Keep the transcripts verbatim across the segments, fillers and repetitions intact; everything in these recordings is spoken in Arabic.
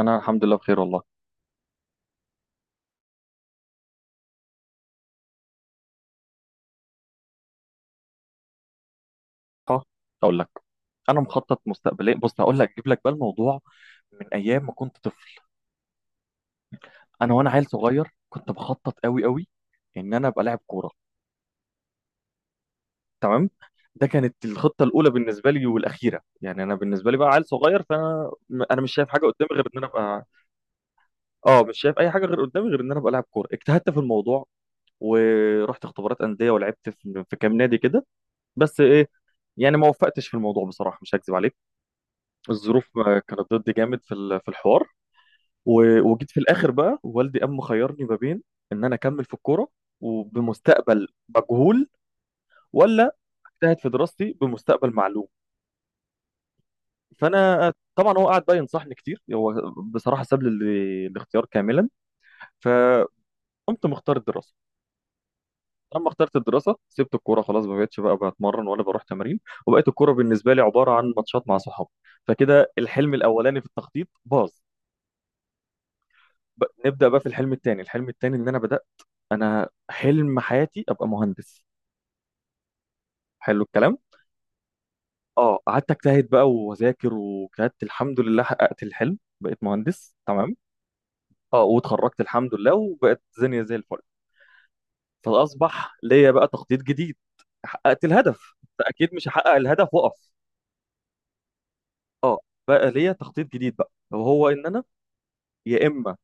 انا الحمد لله بخير والله. ها، اقول لك. انا مخطط مستقبليا، بص هقول لك اجيب لك بقى الموضوع من ايام ما كنت طفل. انا وانا عيل صغير كنت بخطط قوي قوي ان انا ابقى لاعب كوره. تمام. ده كانت الخطه الاولى بالنسبه لي والاخيره، يعني انا بالنسبه لي بقى عيل صغير فانا م- انا مش شايف حاجه قدامي غير ان انا ابقى. اه، مش شايف اي حاجه غير قدامي غير ان انا ابقى لاعب كوره. اجتهدت في الموضوع ورحت اختبارات انديه ولعبت في في كام نادي كده. بس ايه، يعني ما وفقتش في الموضوع بصراحه، مش هكذب عليك، الظروف ما كانت ضدي جامد في ال- في الحوار. و- وجيت في الاخر بقى والدي قام مخيرني ما بين ان انا اكمل في الكوره وبمستقبل مجهول، ولا اجتهد في دراستي بمستقبل معلوم. فانا طبعا هو قعد بقى ينصحني كتير، هو بصراحه ساب لي ال- الاختيار كاملا. فقمت مختار الدراسه. لما اخترت الدراسه سبت الكوره خلاص، ما بقتش بقى بتمرن ولا بروح تمارين. وبقيت الكوره بالنسبه لي عباره عن ماتشات مع صحابي. فكده الحلم الاولاني في التخطيط باظ. ب- نبدا بقى في الحلم الثاني. الحلم الثاني ان انا بدات. انا حلم حياتي ابقى مهندس. حلو الكلام. اه، قعدت اجتهد بقى واذاكر، وكانت الحمد لله حققت الحلم بقيت مهندس. تمام. اه، واتخرجت الحمد لله وبقت الدنيا زي الفل. فاصبح ليا بقى تخطيط جديد. حققت الهدف، أنت اكيد مش هحقق الهدف واقف. اه. بقى ليا تخطيط جديد بقى، وهو ان انا يا اما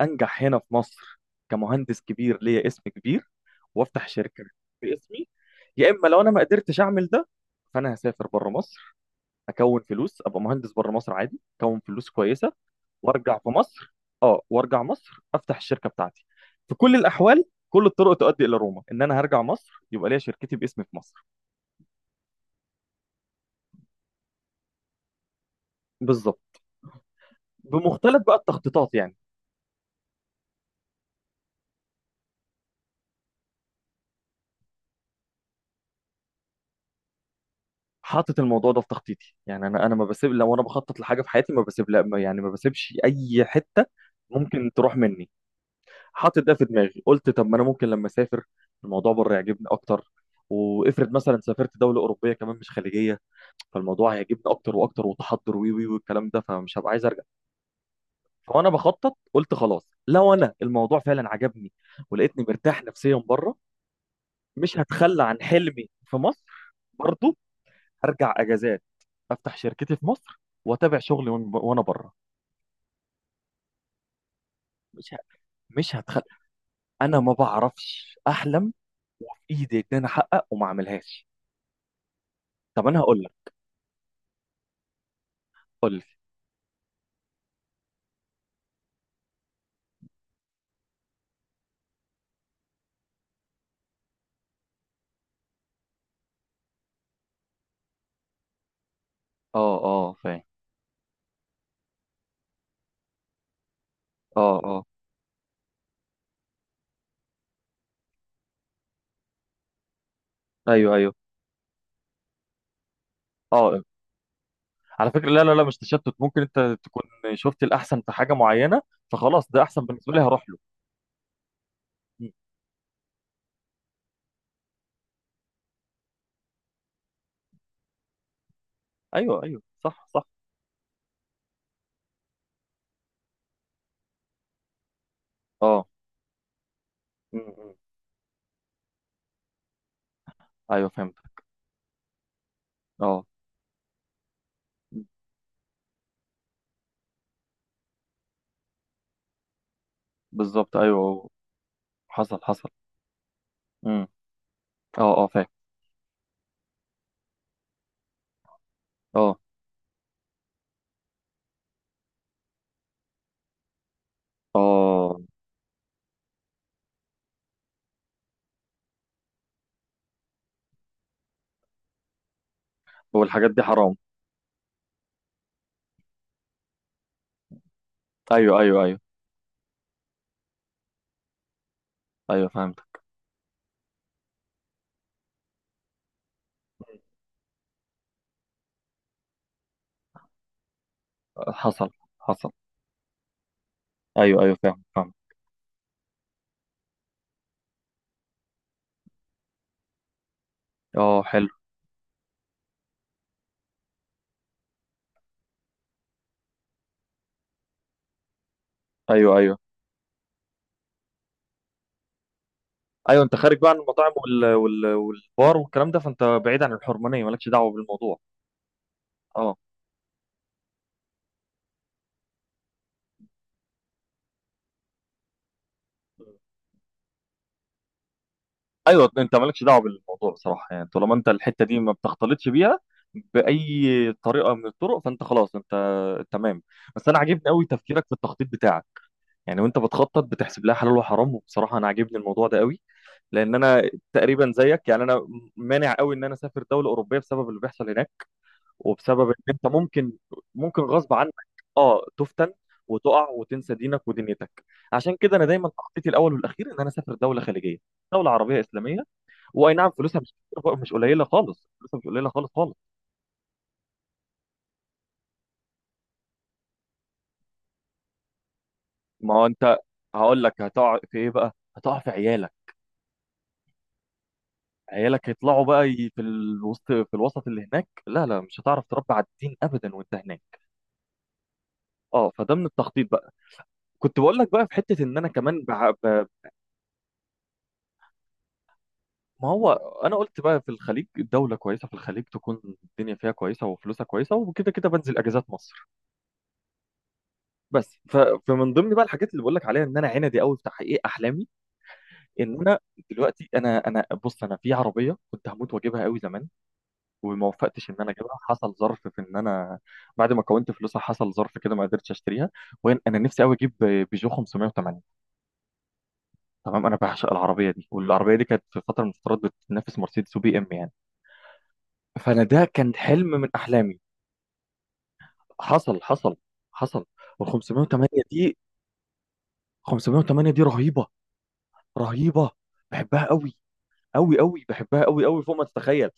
انجح هنا في مصر كمهندس كبير ليا اسم كبير وافتح شركه باسمي، يا اما لو انا ما قدرتش اعمل ده فانا هسافر بره مصر، اكون فلوس، ابقى مهندس بره مصر عادي، اكون فلوس كويسه، وارجع في مصر. اه، وارجع مصر افتح الشركه بتاعتي. في كل الاحوال كل الطرق تؤدي الى روما، ان انا هرجع مصر يبقى ليا شركتي باسمي في مصر. بالظبط. بمختلف بقى التخطيطات يعني. حاطط الموضوع ده في تخطيطي، يعني انا انا ما بسيب. لو انا بخطط لحاجه في حياتي ما بسيب، لا ما- يعني ما بسيبش اي حته ممكن تروح مني. حاطط ده في دماغي، قلت طب ما انا ممكن لما اسافر الموضوع بره يعجبني اكتر. وافرض مثلا سافرت دوله اوروبيه كمان مش خليجيه، فالموضوع هيعجبني اكتر واكتر وتحضر وي وي والكلام ده، فمش هبقى عايز ارجع. فانا بخطط، قلت خلاص لو انا الموضوع فعلا عجبني ولقيتني مرتاح نفسيا بره، مش هتخلى عن حلمي في مصر برضو. هرجع اجازات، افتح شركتي في مصر واتابع شغلي وأنا- وانا بره. مش ه- مش هتخلى. انا ما بعرفش احلم وفي ايدي ان انا احقق وما اعملهاش. طب انا هقول لك. قول لي. اه، اه، فاهم. اه، اه، ايوه، ايوه، اه، على فكرة لا، لا، لا، مش تشتت، ممكن انت تكون شفت الأحسن في حاجة معينة، فخلاص ده أحسن بالنسبة لي هروح له. م. أيوه، أيوه، صح، صح. أه. م- م. أيوه، فهمت. أه. م. بالظبط. أيوه. حصل، حصل. م. أه، أه، فاهم. أه، أه، والحاجات دي حرام. أيوه، أيوه، أيوه، أيوه، فهمت، حصل، حصل. أيوه، أيوه، فاهم، فاهم. أه، حلو. أيوه، أيوه، أيوه، أنت خارج بقى عن المطاعم وال... وال... والبار والكلام ده، فأنت بعيد عن الحرمانية، مالكش دعوة بالموضوع. أه، ايوه، انت مالكش دعوه بالموضوع بصراحه، يعني طالما انت الحته دي ما بتختلطش بيها باي طريقه من الطرق فانت خلاص انت تمام. بس انا عاجبني قوي تفكيرك في التخطيط بتاعك. يعني وانت بتخطط بتحسب لها حلال وحرام، وبصراحه انا عاجبني الموضوع ده قوي. لان انا تقريبا زيك. يعني انا مانع قوي ان انا اسافر دوله اوروبيه بسبب اللي بيحصل هناك، وبسبب ان انت ممكن ممكن غصب عنك، اه، تفتن وتقع وتنسى دينك ودنيتك. عشان كده انا دايما تخطيطي الاول والاخير ان انا اسافر دوله خليجيه، دوله عربيه اسلاميه، واي نعم فلوسها مش مش قليله خالص. فلوسها مش قليله خالص خالص. ما هو انت هقول لك. هتقع في ايه بقى؟ هتقع في عيالك. عيالك هيطلعوا بقى ي- في الوسط. في الوسط اللي هناك لا، لا، مش هتعرف تربي على الدين ابدا وانت هناك. اه، فده من التخطيط بقى. كنت بقول لك بقى في حته ان انا كمان بع... ب... ما هو انا قلت بقى في الخليج دوله كويسه. في الخليج تكون الدنيا فيها كويسه وفلوسها كويسه وكده كده بنزل اجازات مصر. بس ف... فمن ضمن بقى الحاجات اللي بقول لك عليها ان انا عندي قوي في تحقيق احلامي. ان انا دلوقتي انا انا بص انا في عربيه كنت هموت واجيبها قوي زمان. وما وفقتش ان انا اجيبها، حصل ظرف في ان انا بعد ما كونت فلوسها حصل ظرف كده ما قدرتش اشتريها. وين انا نفسي قوي اجيب بيجو خمسمية وتمانين. تمام. انا بعشق العربيه دي والعربيه دي كانت في فتره من الفترات بتنافس مرسيدس وبي ام يعني. فانا ده كان حلم من احلامي. حصل، حصل، حصل. وال خمسمائة وثمانية دي، خمسمائة وثمانية دي رهيبه، رهيبه، بحبها قوي قوي قوي، بحبها قوي قوي فوق ما تتخيل.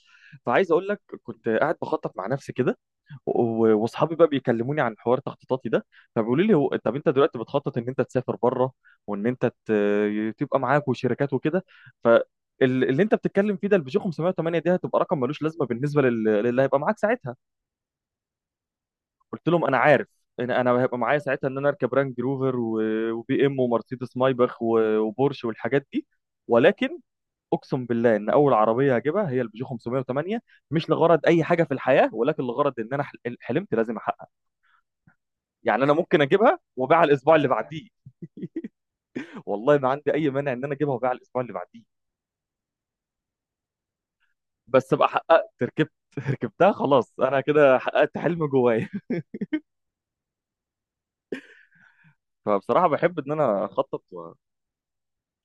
فعايز اقول لك كنت قاعد بخطط مع نفسي كده و- واصحابي بقى بيكلموني عن حوار تخطيطاتي ده. فبيقولوا لي هو طب انت دلوقتي بتخطط ان انت تسافر بره وان انت ت- تبقى معاك وشركات وكده. فاللي انت بتتكلم فيه ده البيجو خمسمائة وثمانية دي هتبقى رقم ملوش لازمه بالنسبه لل- للي هيبقى معاك ساعتها. قلت لهم انا عارف. انا انا هيبقى معايا ساعتها ان انا اركب رانج روفر و- وبي ام ومرسيدس مايباخ و- وبورش والحاجات دي. ولكن اقسم بالله ان اول عربيه هجيبها هي البيجو خمسمية وتمانية. مش لغرض اي حاجه في الحياه، ولكن لغرض ان انا حل- حلمت لازم احقق. يعني انا ممكن اجيبها وابيعها الاسبوع اللي بعديه. والله ما عندي اي مانع ان انا اجيبها وابيعها الاسبوع اللي بعديه. بس ابقى حققت، ركبت ركبتها خلاص، انا كده حققت حلم جوايا. فبصراحه بحب ان انا اخطط و...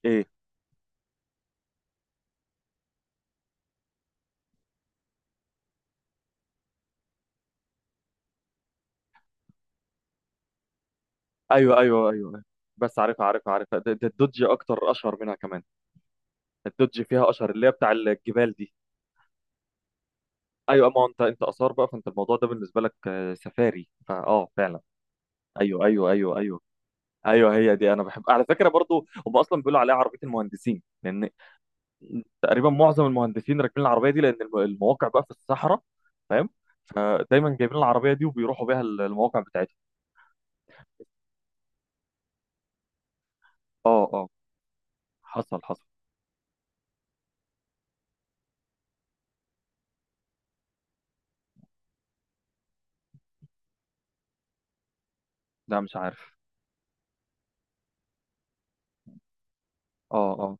ايه. ايوه، ايوه، ايوه، بس عارفها، عارفها، عارفها. ده ده الدوج اكتر اشهر منها كمان. الدوج فيها اشهر، اللي هي بتاع الجبال دي. ايوه، اما انت انت اثار بقى، فانت الموضوع ده بالنسبه لك آه، سفاري فاه فعلا. ايوه، ايوه، ايوه، ايوه، ايوه، هي دي. انا بحب على فكره برضو هم اصلا بيقولوا عليها عربيه المهندسين، لان تقريبا معظم المهندسين راكبين العربيه دي، لان الم- المواقع بقى في الصحراء فاهم. فدايما جايبين العربيه دي وبيروحوا بيها ال- المواقع بتاعتهم. اه، اه، حصل، حصل، لا مش عارف. اه، اه،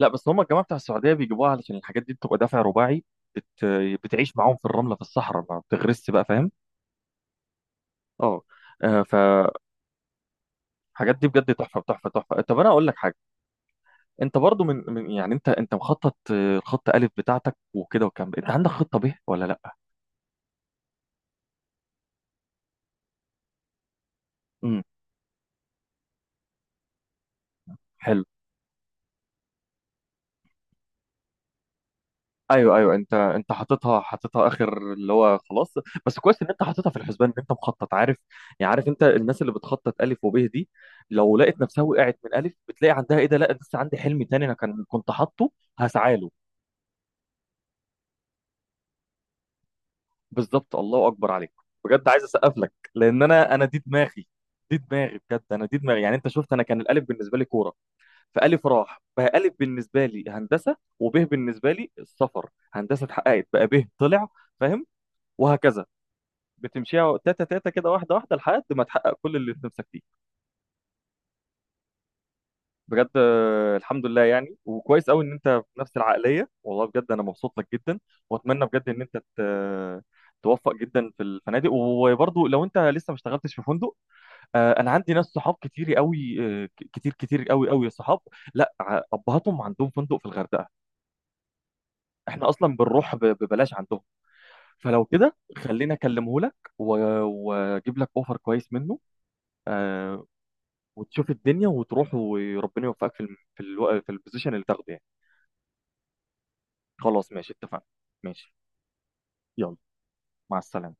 لا بس هم الجماعه بتاع السعوديه بيجيبوها علشان الحاجات دي بتبقى دافع رباعي. بت... بتعيش معاهم في الرمله في الصحراء، ما بتغرسش بقى فاهم. اه آه، فالحاجات دي بجد تحفه، تحفه، تحفه. طب انا اقول لك حاجه. انت برضو من من- يعني انت انت مخطط آه، الخط الف بتاعتك وكده والكلام ده. انت عندك خطه ب ولا لا؟ امم حلو. ايوه، ايوه، انت انت حاططها، حاططها اخر اللي هو خلاص. بس كويس ان انت حاططها في الحسبان، ان انت مخطط عارف. يعني عارف انت الناس اللي بتخطط الف وب دي لو لقيت نفسها وقعت من الف، بتلاقي عندها ايه؟ ده لا لسه عندي حلم تاني انا كان كنت حاطه هسعى له. بالظبط. الله اكبر عليك. بجد عايز اسقف لك، لان انا انا دي دماغي، دي دماغي، بجد انا دي دماغي. يعني انت شفت انا كان الالف بالنسبه لي كوره. فألف راح بقى، ألف بالنسبة لي هندسة وب بالنسبة لي السفر. هندسة اتحققت بقى، ب طلع فاهم. وهكذا بتمشيها تاتا تاتا كده، واحدة واحدة، لحد ما تحقق كل اللي نفسك فيه. بجد آه، الحمد لله، يعني وكويس قوي ان انت في نفس العقلية والله، بجد انا مبسوط لك جدا. واتمنى بجد ان انت ت- توفق جدا في الفنادق. وبرضه لو انت لسه ما اشتغلتش في فندق، آه، انا عندي ناس صحاب كتير قوي، آه، ك- كتير كتير قوي قوي صحاب. لا ع- ابهاتهم عندهم فندق في الغردقة. احنا اصلا بنروح ب- ببلاش عندهم. فلو كده خليني اكلمه لك و- واجيب لك اوفر كويس منه. آه، وتشوف الدنيا وتروح وربنا يوفقك في الم- في الو... في البوزيشن اللي تاخده يعني. خلاص ماشي، اتفقنا. ماشي. يلا مع السلامة.